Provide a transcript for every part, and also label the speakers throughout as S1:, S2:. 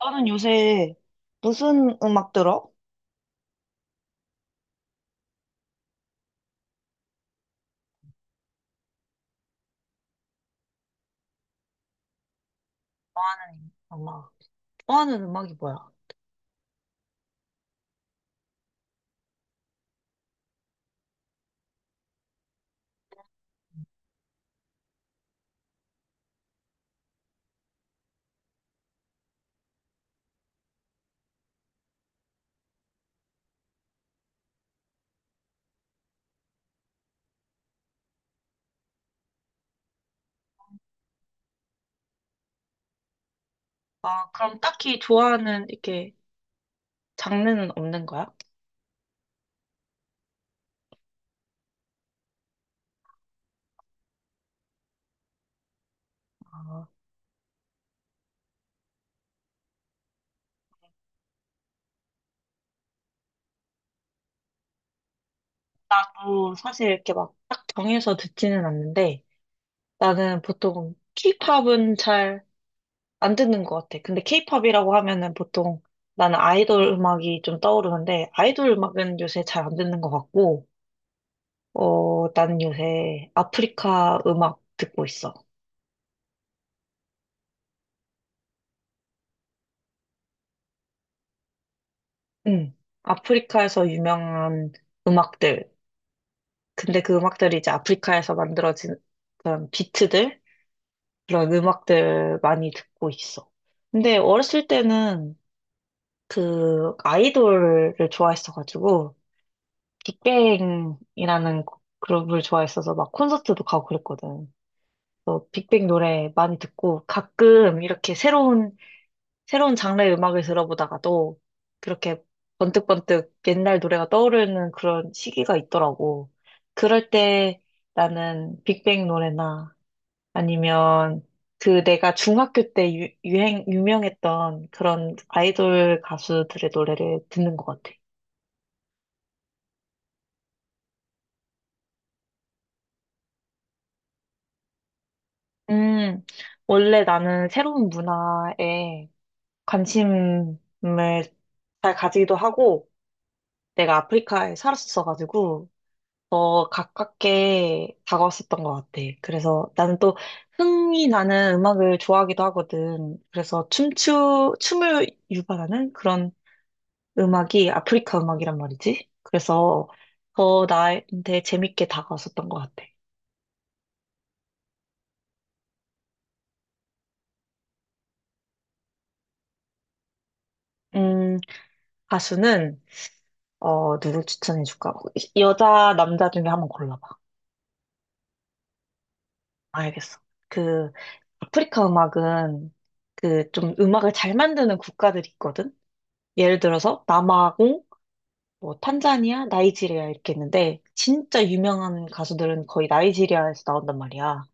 S1: 나는 요새 무슨 음악 들어? 좋아하는 음악. 좋아하는 음악이 뭐야? 아, 그럼 딱히 좋아하는 이렇게 장르는 없는 거야? 아, 나도 사실 이렇게 막 딱 정해서 듣지는 않는데 나는 보통 케이팝은 잘 안 듣는 것 같아. 근데 케이팝이라고 하면은 보통 나는 아이돌 음악이 좀 떠오르는데 아이돌 음악은 요새 잘 안 듣는 것 같고 나는 요새 아프리카 음악 듣고 있어. 응. 아프리카에서 유명한 음악들. 근데 그 음악들이 이제 아프리카에서 만들어진 그런 비트들? 그런 음악들 많이 듣고 있어. 근데 어렸을 때는 그 아이돌을 좋아했어가지고, 빅뱅이라는 그룹을 좋아했어서 막 콘서트도 가고 그랬거든. 그래서 빅뱅 노래 많이 듣고 가끔 이렇게 새로운 장르의 음악을 들어보다가도 그렇게 번뜩번뜩 옛날 노래가 떠오르는 그런 시기가 있더라고. 그럴 때 나는 빅뱅 노래나 아니면 그 내가 중학교 때 유명했던 그런 아이돌 가수들의 노래를 듣는 것 같아. 음, 원래 나는 새로운 문화에 관심을 잘 가지기도 하고, 내가 아프리카에 살았었어가지고, 가깝게 다가왔었던 것 같아. 그래서 나는 또 흥이 나는 음악을 좋아하기도 하거든. 그래서 춤을 유발하는 그런 음악이 아프리카 음악이란 말이지. 그래서 더 나한테 재밌게 다가왔었던 것 같아. 음, 가수는, 누구 추천해줄까? 여자, 남자 중에 한번 골라봐. 알겠어. 그, 아프리카 음악은 그 좀 음악을 잘 만드는 국가들이 있거든? 예를 들어서 남아공, 뭐 탄자니아, 나이지리아 이렇게 있는데 진짜 유명한 가수들은 거의 나이지리아에서 나온단 말이야.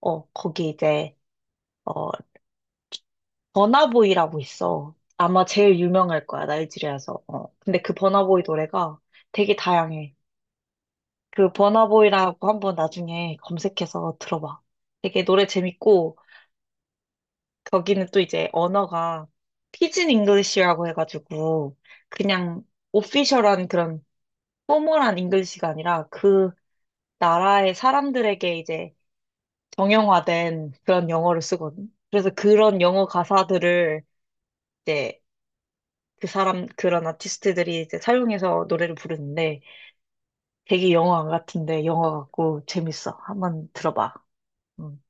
S1: 거기 이제 어 버나보이라고 있어. 아마 제일 유명할 거야, 나이지리아에서. 어. 근데 그 버나보이 노래가 되게 다양해. 그 버나보이라고 한번 나중에 검색해서 들어봐. 되게 노래 재밌고 거기는 또 이제 언어가 피진 잉글리시라고 해가지고 그냥 오피셜한 그런 포멀한 잉글리시가 아니라 그 나라의 사람들에게 이제 정형화된 그런 영어를 쓰거든. 그래서 그런 영어 가사들을 이제 그런 아티스트들이 이제 사용해서 노래를 부르는데 되게 영어 안 같은데 영어 같고 재밌어. 한번 들어봐. 음.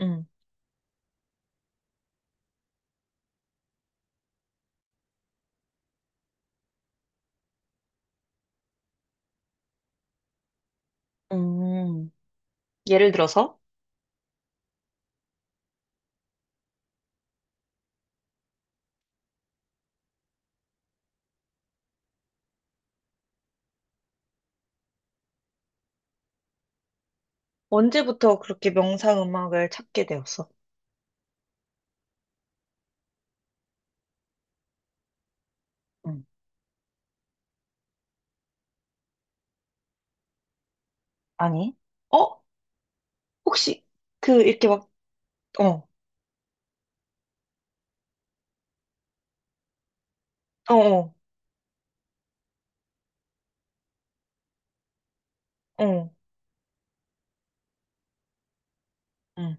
S1: 음. 음, 예를 들어서 언제부터 그렇게 명상 음악을 찾게 되었어? 음. 아니, 어? 혹시 그 이렇게 막, 어, 어, 어, 어, 음.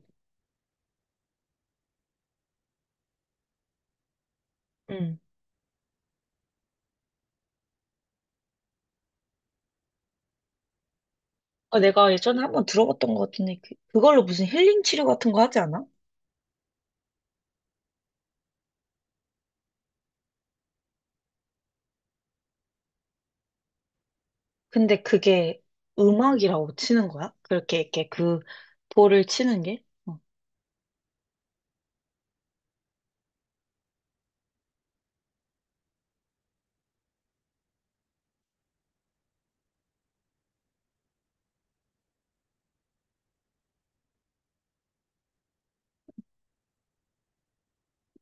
S1: 음. 아, 내가 예전에 한번 들어봤던 것 같은데, 그걸로 무슨 힐링 치료 같은 거 하지 않아? 근데 그게 음악이라고 치는 거야? 그렇게 이렇게 그 볼을 치는 게? 어.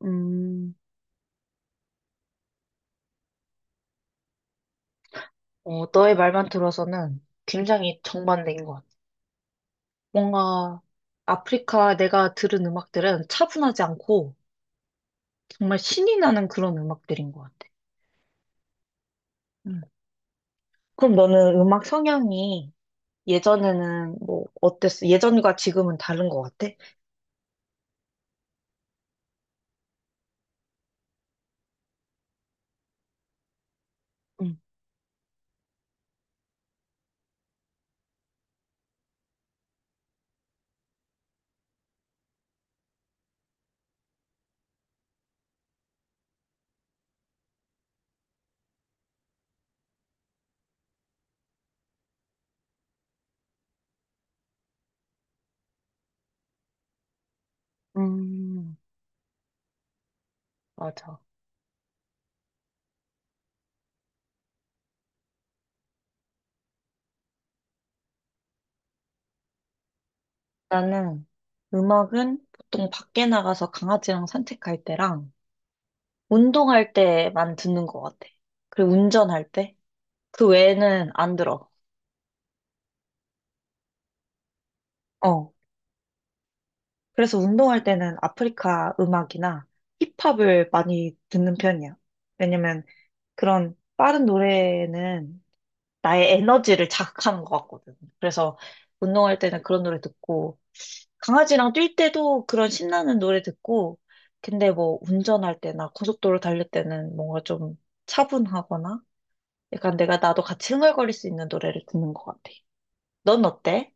S1: 음, 너의 말만 들어서는 굉장히 정반대인 것 같아. 뭔가 아프리카 내가 들은 음악들은 차분하지 않고 정말 신이 나는 그런 음악들인 것 같아. 음. 그럼 너는 음악 성향이 예전에는 뭐 어땠어? 예전과 지금은 다른 것 같아? 응. 음, 맞아. 나는 음악은 보통 밖에 나가서 강아지랑 산책할 때랑 운동할 때만 듣는 것 같아. 그리고 운전할 때? 그 외에는 안 들어. 어. 그래서 운동할 때는 아프리카 음악이나 힙합을 많이 듣는 편이야. 왜냐면 그런 빠른 노래는 나의 에너지를 자극하는 것 같거든. 그래서 운동할 때는 그런 노래 듣고 강아지랑 뛸 때도 그런 신나는 노래 듣고, 근데 뭐 운전할 때나 고속도로 달릴 때는 뭔가 좀 차분하거나, 약간 내가 나도 같이 흥얼거릴 수 있는 노래를 듣는 것 같아. 넌 어때?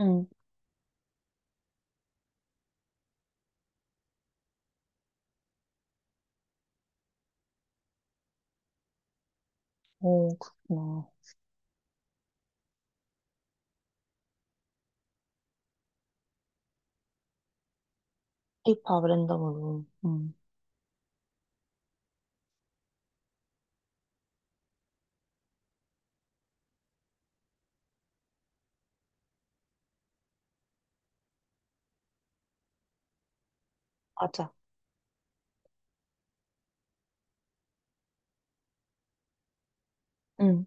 S1: 응, 오, 그렇구나. K-pop 랜덤으로. 응. 맞아. 응,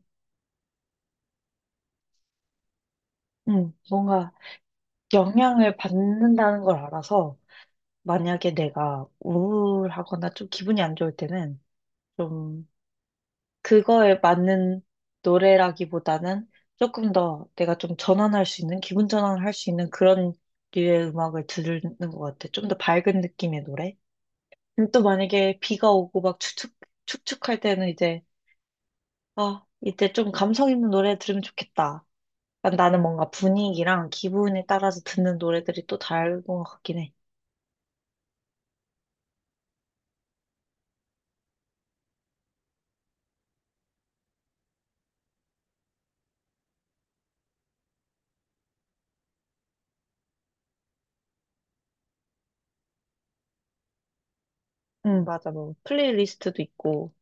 S1: 응. 뭔가 영향을 받는다는 걸 알아서, 만약에 내가 우울하거나 좀 기분이 안 좋을 때는, 좀 그거에 맞는 노래라기보다는 조금 더 내가 좀 전환할 수 있는, 기분 전환을 할 수 있는 그런 류의 음악을 듣는 것 같아. 좀 더 밝은 느낌의 노래? 근데 또 만약에 비가 오고 막 축축할 때는 이제, 아, 이때 좀 감성 있는 노래 들으면 좋겠다. 그러니까 나는 뭔가 분위기랑 기분에 따라서 듣는 노래들이 또 다른 것 같긴 해. 응, 맞아. 뭐, 플레이리스트도 있고.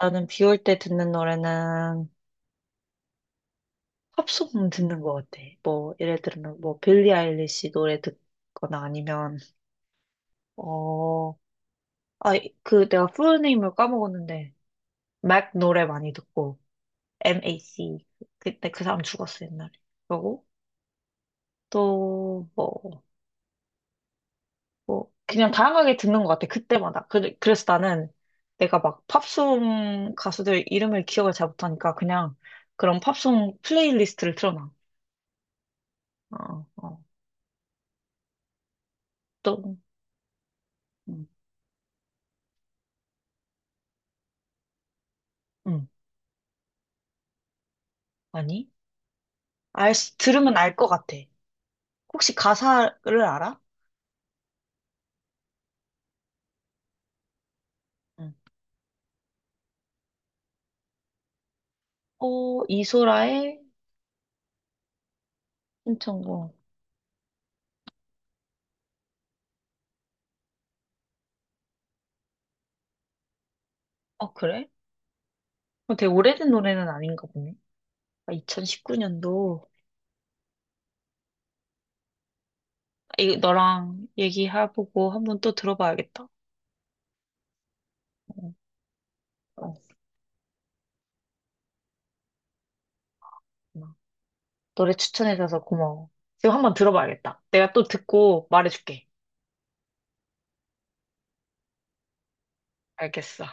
S1: 나는 비올 때 듣는 노래는 팝송 듣는 거 같아. 뭐, 예를 들면, 뭐, 빌리 아일리시 노래 듣거나 아니면, 어, 아, 내가 풀네임을 까먹었는데, 맥 노래 많이 듣고, MAC. 그때 그 사람 죽었어, 옛날에. 그러고, 또, 뭐, 그냥 다양하게 듣는 것 같아, 그때마다. 그래서 나는 내가 막 팝송 가수들 이름을 기억을 잘 못하니까 그냥 그런 팝송 플레이리스트를 틀어놔. 어, 어, 또, 음, 음, 아니? 수- 들으면 알 것 같아. 혹시 가사를 알아? 응. 이소라의 신청곡. 그래? 되게 오래된 노래는 아닌가 보네. 2019년도. 이 너랑 얘기해보고 한번 또 들어봐야겠다. 어, 어, 고마워. 노래 추천해줘서 고마워. 지금 한번 들어봐야겠다. 내가 또 듣고 말해줄게. 알겠어.